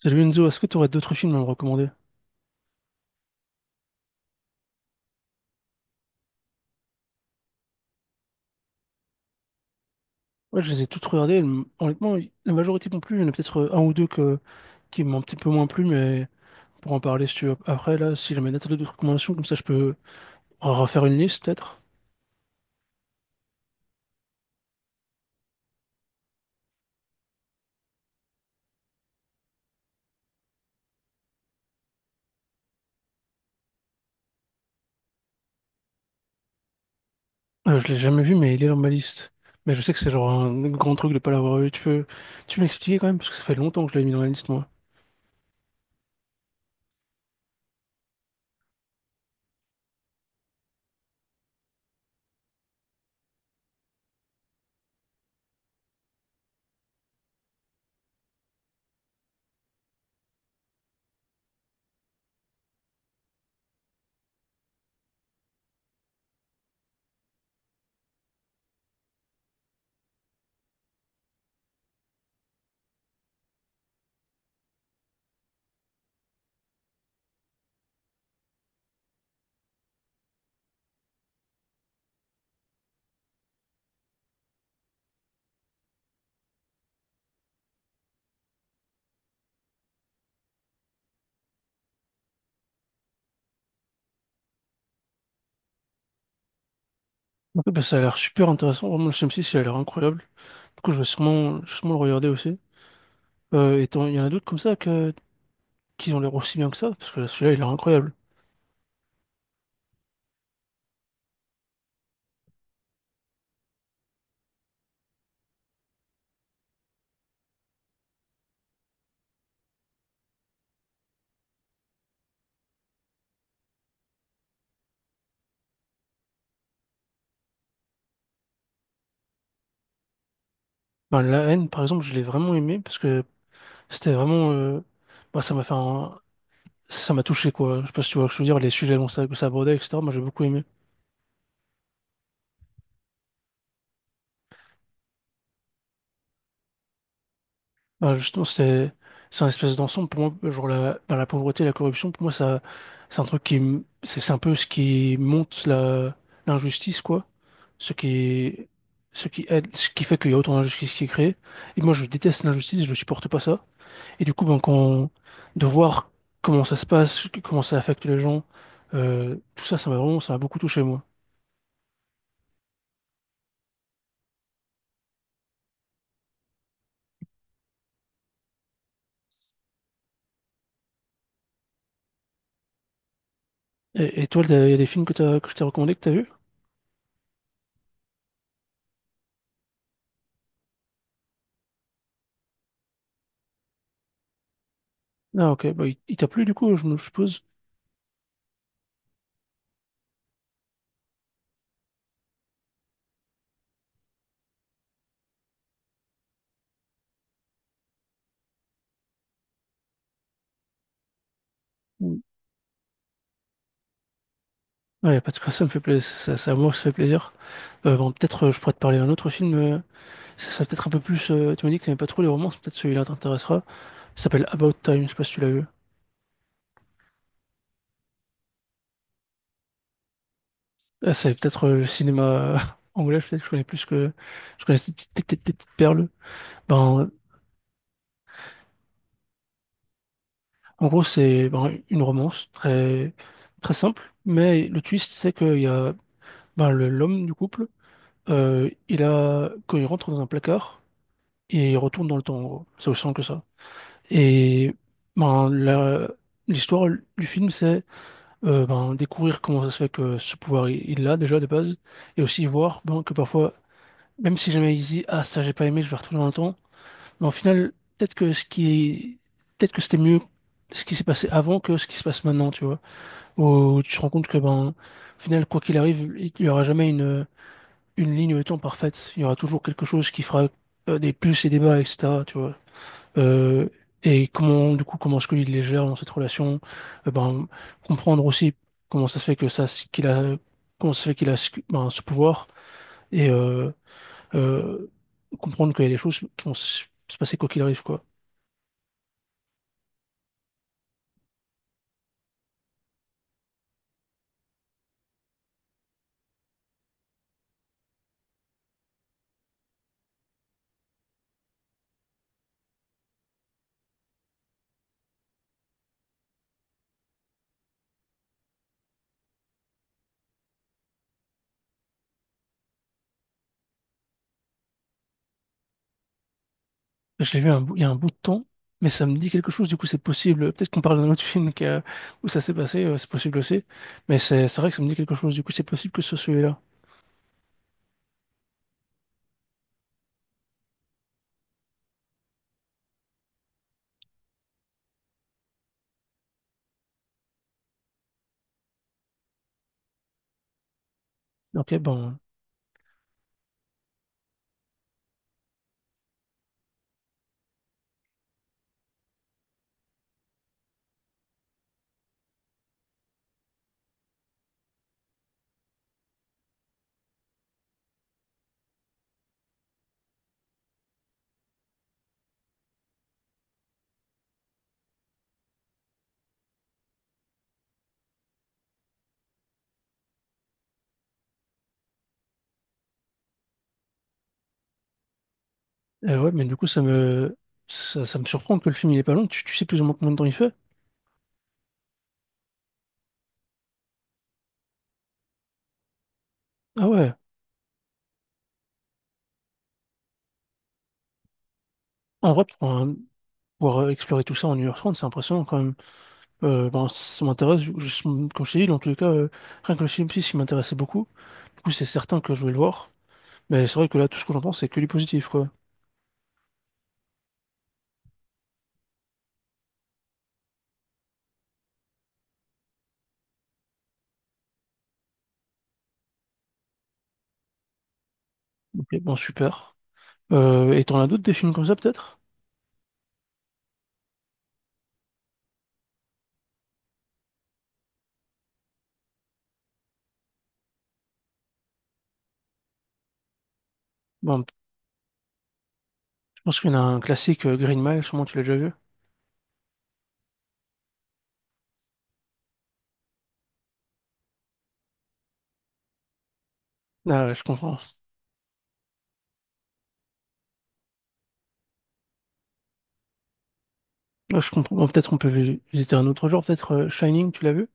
Salut Enzo, est-ce que tu aurais d'autres films à me recommander? Ouais, je les ai tous regardés. Honnêtement, la majorité m'ont plu. Il y en a peut-être un ou deux qui m'ont un petit peu moins plu, mais pour en parler, si tu veux, après, là, si jamais Nathalie a d'autres recommandations, comme ça, je peux refaire une liste, peut-être. Je l'ai jamais vu, mais il est dans ma liste. Mais je sais que c'est genre un grand truc de pas l'avoir vu. Tu peux m'expliquer quand même, parce que ça fait longtemps que je l'ai mis dans la liste, moi. Ok, bah, ça a l'air super intéressant. Vraiment, le Sum 6, il a l'air incroyable. Du coup, je vais sûrement le regarder aussi. Et il y en a d'autres comme ça qui ont l'air aussi bien que ça, parce que celui-là, il a l'air incroyable. Ben, la haine, par exemple, je l'ai vraiment aimé parce que c'était vraiment. Bah, ça m'a fait ça m'a touché, quoi. Je sais pas si tu vois ce que je veux dire, les sujets dont ça, que ça abordait, etc. Moi, j'ai beaucoup aimé. Ben, justement, c'est un espèce d'ensemble. Pour moi, genre ben, la pauvreté, la corruption, pour moi, ça, c'est un truc qui. M- c'est Un peu ce qui monte la l'injustice, quoi. Ce qui. Ce qui aide, ce qui fait qu'il y a autant d'injustice qui est créée. Et moi, je déteste l'injustice, je ne supporte pas ça. Et du coup, ben, de voir comment ça se passe, comment ça affecte les gens, tout ça, ça m'a beaucoup touché, moi. Et toi, il y a des films que que je t'ai recommandé, que t'as vu? Ah, ok, bah, il t'a plu, du coup, je suppose. Mm. Ouais, pas de quoi, ça me fait plaisir, ça, à moi, que ça fait plaisir. Bon, peut-être, je pourrais te parler d'un autre film, ça peut-être un peu plus, tu m'as dit que t'aimais pas trop les romances, peut-être celui-là t'intéressera. Il s'appelle About Time, je sais pas si tu l'as vu. Ah, c'est peut-être le cinéma anglais, peut-être que je connais plus je connais ces petites perles. Ben, En gros, c'est ben, une romance très, très simple, mais le twist, c'est qu'il y a ben, l'homme du couple, quand il rentre dans un placard, il retourne dans le temps, en gros. C'est aussi simple que ça. Et ben, l'histoire du film, c'est ben, découvrir comment ça se fait que ce pouvoir, il l'a déjà de base, et aussi voir, ben, que parfois, même si jamais il se dit, ah, ça, j'ai pas aimé, je vais retourner dans le temps, mais au final, peut-être que peut-être que c'était mieux ce qui s'est passé avant que ce qui se passe maintenant, tu vois. Où tu te rends compte que, ben, au final, quoi qu'il arrive, il n'y aura jamais une ligne de temps parfaite. Il y aura toujours quelque chose qui fera des plus et des bas, etc. Tu vois. Euh, et comment du coup comment est-ce qu'il les gère dans cette relation? Ben, comprendre aussi comment ça se fait que ça, ce qu'il a, comment ça se fait qu'il a ben, ce pouvoir, et euh, comprendre qu'il y a des choses qui vont se passer quoi qu'il arrive, quoi. Je l'ai vu il y a un bout de temps, mais ça me dit quelque chose, du coup c'est possible. Peut-être qu'on parle d'un autre film où ça s'est passé, c'est possible aussi. Mais c'est vrai que ça me dit quelque chose, du coup c'est possible que ce soit celui-là. Ok, bon. Ouais, mais du coup ça me surprend que le film il est pas long. Tu sais plus ou moins combien de temps il fait? Ah ouais. En vrai, pour pouvoir explorer tout ça en 1h30, c'est impressionnant quand même. Ben, ça m'intéresse, comme je t'ai dit, dans tous les cas, rien que le film 6 qui m'intéressait beaucoup, du coup c'est certain que je vais le voir, mais c'est vrai que là tout ce que j'entends c'est que du positif, quoi. Ok, bon super. Et t'en as d'autres des films comme ça peut-être? Bon, je pense qu'il y en a un classique, Green Mile, sûrement tu l'as déjà vu. Ah ouais, je comprends. Ouais, je comprends. Bon, peut-être on peut visiter un autre jour. Peut-être Shining, tu l'as vu?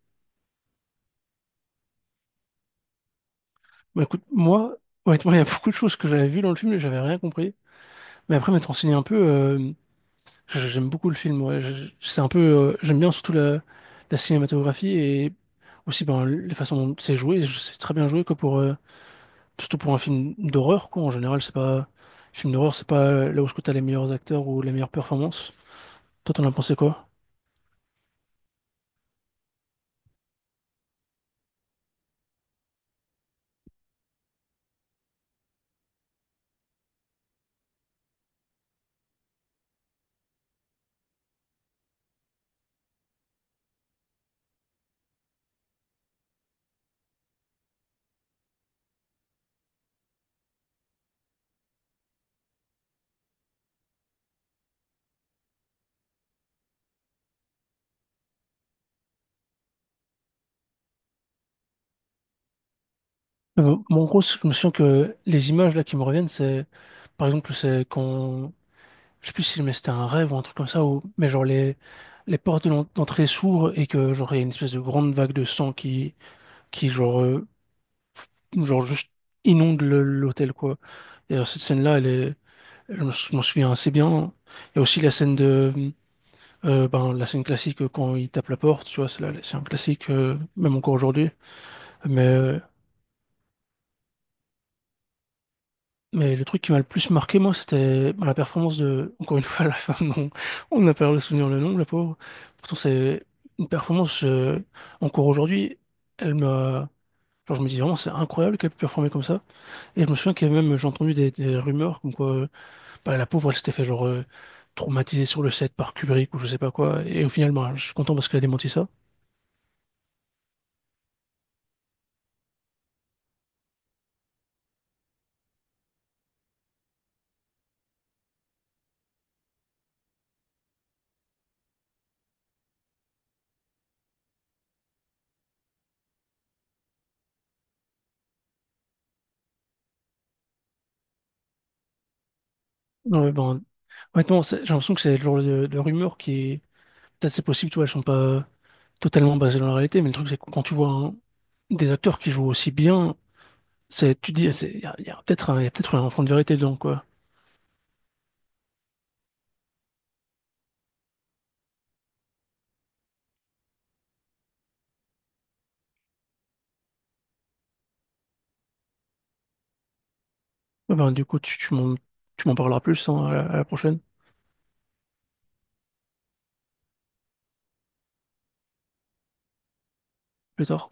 Bah écoute, moi, honnêtement, il y a beaucoup de choses que j'avais vues dans le film et j'avais rien compris. Mais après, m'être renseigné un peu, j'aime beaucoup le film, ouais. C'est un peu, j'aime bien surtout la cinématographie et aussi, ben, les façons dont c'est joué. C'est très bien joué, quoi, pour, surtout pour un film d'horreur, quoi. En général, c'est pas, film d'horreur, c'est pas là où tu as les meilleurs acteurs ou les meilleures performances. Toi, t'en as pensé quoi? Bon, en gros, je me souviens que les images là qui me reviennent, c'est par exemple, c'est quand je sais plus si mais c'était un rêve ou un truc comme ça, ou... mais genre les portes de d'entrée s'ouvrent et que genre il y a une espèce de grande vague de sang qui genre, genre juste inonde l'hôtel, quoi. Et alors, cette scène-là, elle est... je m'en souviens assez bien. Il y a aussi la scène de ben, la scène classique quand il tape la porte, tu vois, c'est un classique même encore aujourd'hui. Mais euh, Mais le truc qui m'a le plus marqué, moi, c'était bah, la performance de, encore une fois, la femme dont on n'a pas le souvenir le nom, la pauvre. Pourtant, c'est une performance, encore aujourd'hui, elle m'a. Genre, je me dis vraiment, c'est incroyable qu'elle ait pu performer comme ça. Et je me souviens qu'il y avait même, j'ai entendu des rumeurs comme quoi, bah, la pauvre, elle s'était fait, genre, traumatiser sur le set par Kubrick ou je sais pas quoi. Et au final, bah, je suis content parce qu'elle a démenti ça. Non, mais bon, honnêtement, j'ai l'impression que c'est le genre de rumeurs qui est... Peut-être c'est possible, tu vois, elles sont pas totalement basées dans la réalité, mais le truc, c'est que quand tu vois des acteurs qui jouent aussi bien, c'est, tu te dis, y a peut-être y a peut-être un fond de vérité dedans, quoi. Ouais, ben, du coup, tu m'en parleras plus, hein, à la prochaine, plus tard.